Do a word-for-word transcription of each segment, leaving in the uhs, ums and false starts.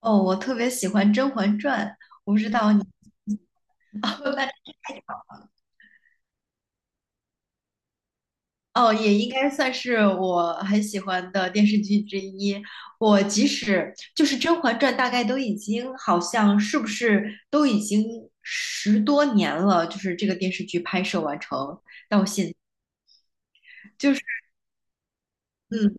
哦，我特别喜欢《甄嬛传》，我不知道你 哦，那哦也应该算是我很喜欢的电视剧之一。我即使就是《甄嬛传》，大概都已经好像是不是都已经十多年了，就是这个电视剧拍摄完成。就是嗯，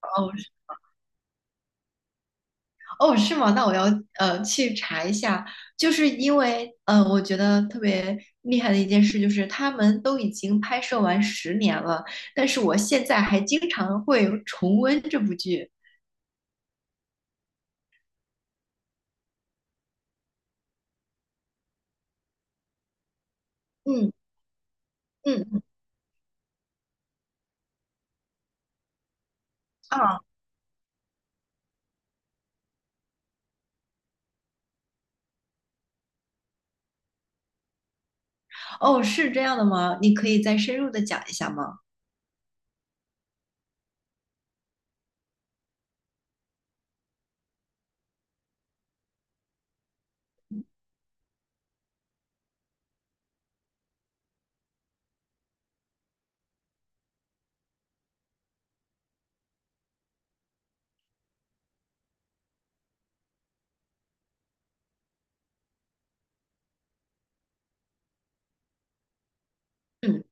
哦，哦，是吗？那我要呃去查一下，就是因为呃，我觉得特别厉害的一件事就是他们都已经拍摄完十年了，但是我现在还经常会重温这部剧。嗯嗯啊，哦，是这样的吗？你可以再深入的讲一下吗？嗯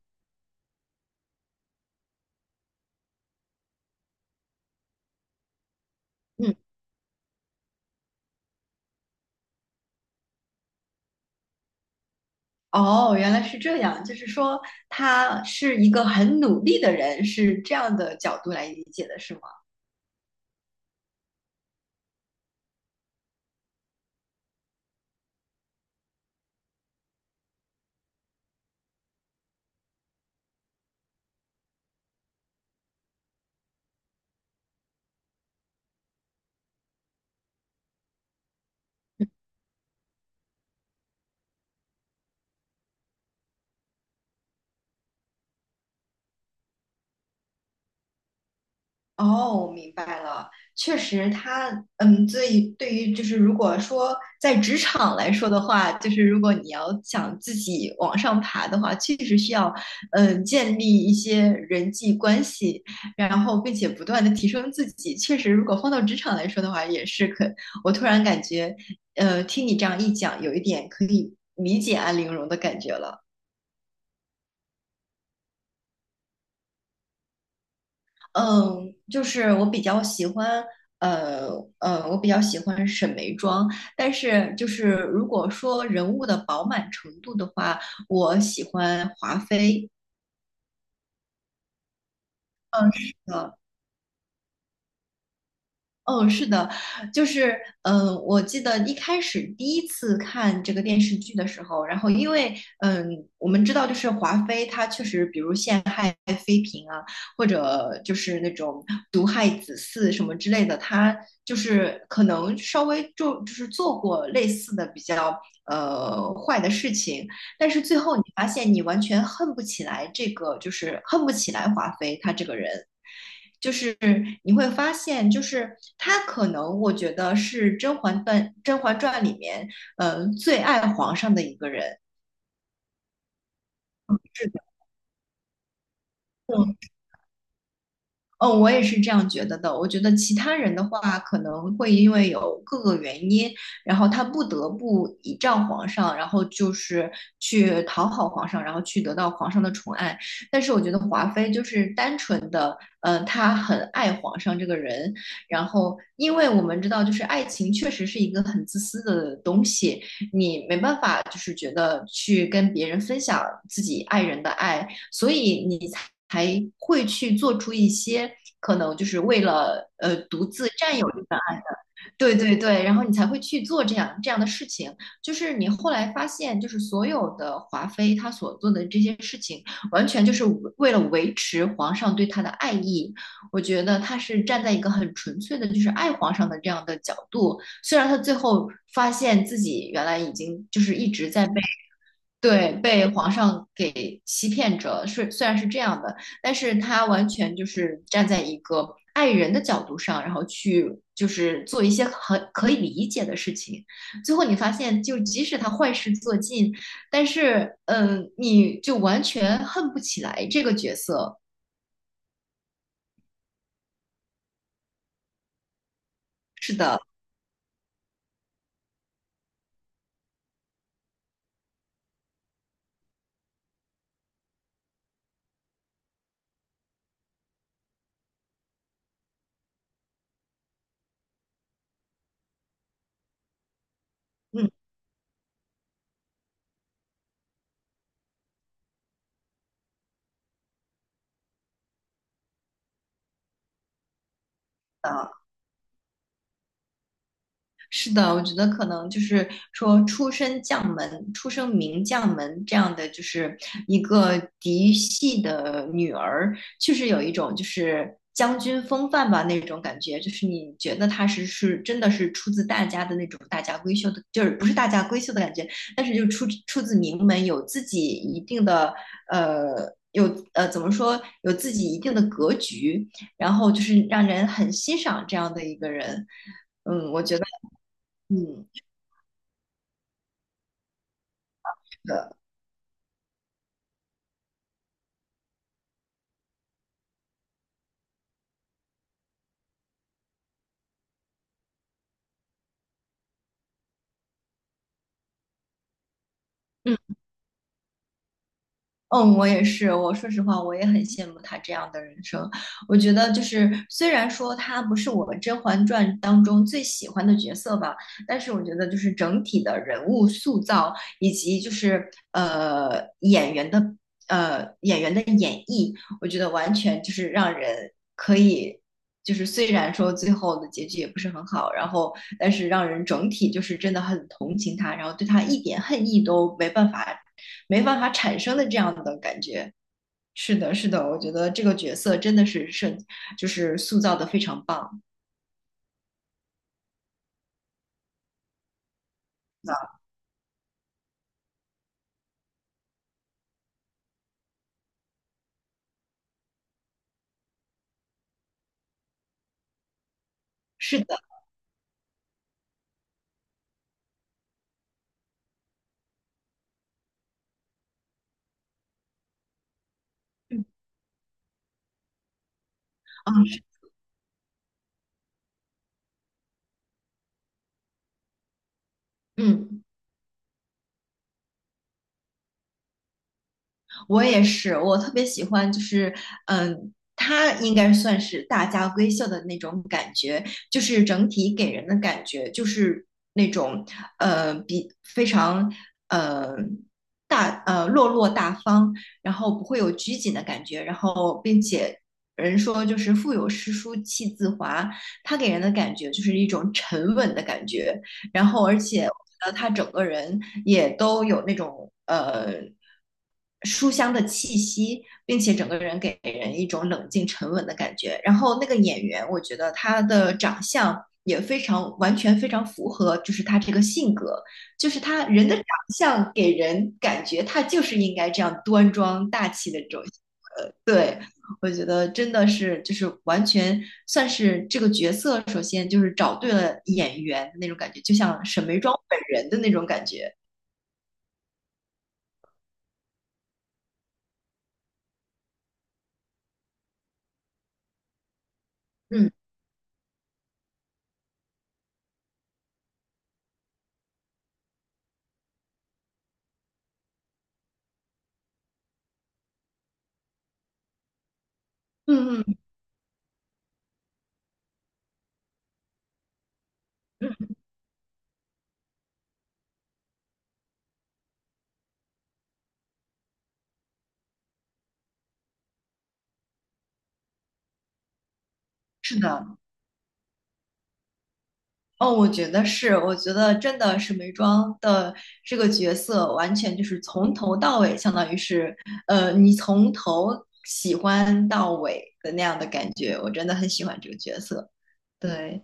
嗯，哦，原来是这样，就是说他是一个很努力的人，是这样的角度来理解的，是吗？哦，明白了。确实他，嗯，对，对于就是如果说在职场来说的话，就是如果你要想自己往上爬的话，确实需要，嗯，建立一些人际关系，然后并且不断的提升自己。确实，如果放到职场来说的话，也是可。我突然感觉，呃，听你这样一讲，有一点可以理解安陵容的感觉了。嗯，就是我比较喜欢，呃呃，我比较喜欢沈眉庄，但是就是如果说人物的饱满程度的话，我喜欢华妃。呃，嗯，是的，就是，嗯，我记得一开始第一次看这个电视剧的时候，然后因为，嗯，我们知道就是华妃她确实，比如陷害妃嫔啊，或者就是那种毒害子嗣什么之类的，她就是可能稍微就就是做过类似的比较呃坏的事情，但是最后你发现你完全恨不起来这个，就是恨不起来华妃她这个人，就是你会发现，就是他可能我觉得是《甄嬛传》《甄嬛传》里面，呃，最爱皇上的一个人。是的，嗯，我也是这样觉得的。我觉得其他人的话，可能会因为有各个原因，然后他不得不倚仗皇上，然后就是去讨好皇上，然后去得到皇上的宠爱。但是我觉得华妃就是单纯的，嗯、呃她很爱皇上这个人。然后，因为我们知道，就是爱情确实是一个很自私的东西，你没办法就是觉得去跟别人分享自己爱人的爱，所以你才会去做出一些可能就是为了呃独自占有这份爱，对对对，然后你才会去做这样这样的事情。就是你后来发现，就是所有的华妃她所做的这些事情，完全就是为了维持皇上对她的爱意。我觉得她是站在一个很纯粹的，就是爱皇上的这样的角度。虽然她最后发现自己原来已经就是一直在被对，被皇上给欺骗着，是虽然是这样的，但是他完全就是站在一个爱人的角度上，然后去就是做一些很可以理解的事情。最后你发现，就即使他坏事做尽，但是嗯，你就完全恨不起来这个角色。是的，嗯。是的，我觉得可能就是说出身将门、出生名将门这样的，就是一个嫡系的女儿，确实有一种就是将军风范吧那种感觉，就是你觉得她是是真的是出自大家的那种大家闺秀的，就是不是大家闺秀的感觉，但是就出出自名门，有自己一定的呃。有呃，怎么说？有自己一定的格局，然后就是让人很欣赏这样的一个人。嗯，我觉得。嗯，是的，嗯嗯，我也是。我说实话，我也很羡慕他这样的人生。我觉得，就是虽然说他不是我《们《甄嬛传》当中最喜欢的角色吧，但是我觉得，就是整体的人物塑造以及就是呃演员的呃演员的演绎，我觉得完全就是让人可以，就是虽然说最后的结局也不是很好，然后但是让人整体就是真的很同情他，然后对他一点恨意都没办法没办法产生的这样的感觉。是的，是的，我觉得这个角色真的是设，就是塑造的非常棒。啊，是的，嗯，啊，是嗯。我也是，我特别喜欢，就是嗯，它应该算是大家闺秀的那种感觉，就是整体给人的感觉就是那种呃比非常呃大呃落落大方，然后不会有拘谨的感觉，然后并且。人说就是腹有诗书气自华，它给人的感觉就是一种沉稳的感觉，然后而且我觉得他整个人也都有那种呃书香的气息，并且整个人给人一种冷静沉稳的感觉。然后那个演员，我觉得他的长相。也非常完全非常符合，就是他这个性格，就是他人的长相给人感觉他就是应该这样端庄大气的这种对，我觉得真的是就是完全算是这个角色，首先就是找对了演员的那种感觉，就像沈眉庄本人的那种感觉。嗯嗯嗯嗯，是的，哦，我觉得是，我觉得真的沈眉庄的这个角色完全就是从头到尾，相当于是呃，你从头喜欢到尾的那样的感觉，我真的很喜欢这个角色。对，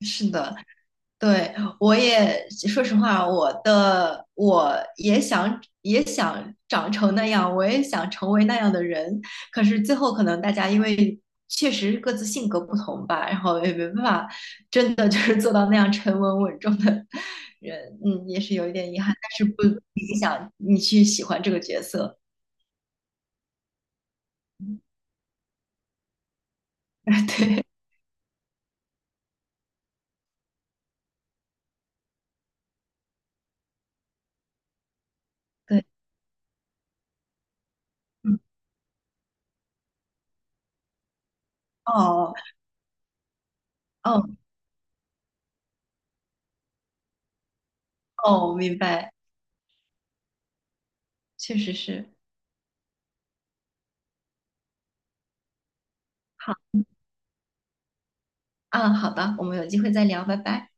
是的，对，我也说实话，我的我也想也想长成那样，我也想成为那样的人。可是最后可能大家因为确实各自性格不同吧，然后也没办法真的就是做到那样沉稳稳重的人，嗯，也是有一点遗憾，但是不影响你去喜欢这个角色。对对，嗯，哦哦哦，明白，确实是。好，嗯，好的，我们有机会再聊，拜拜。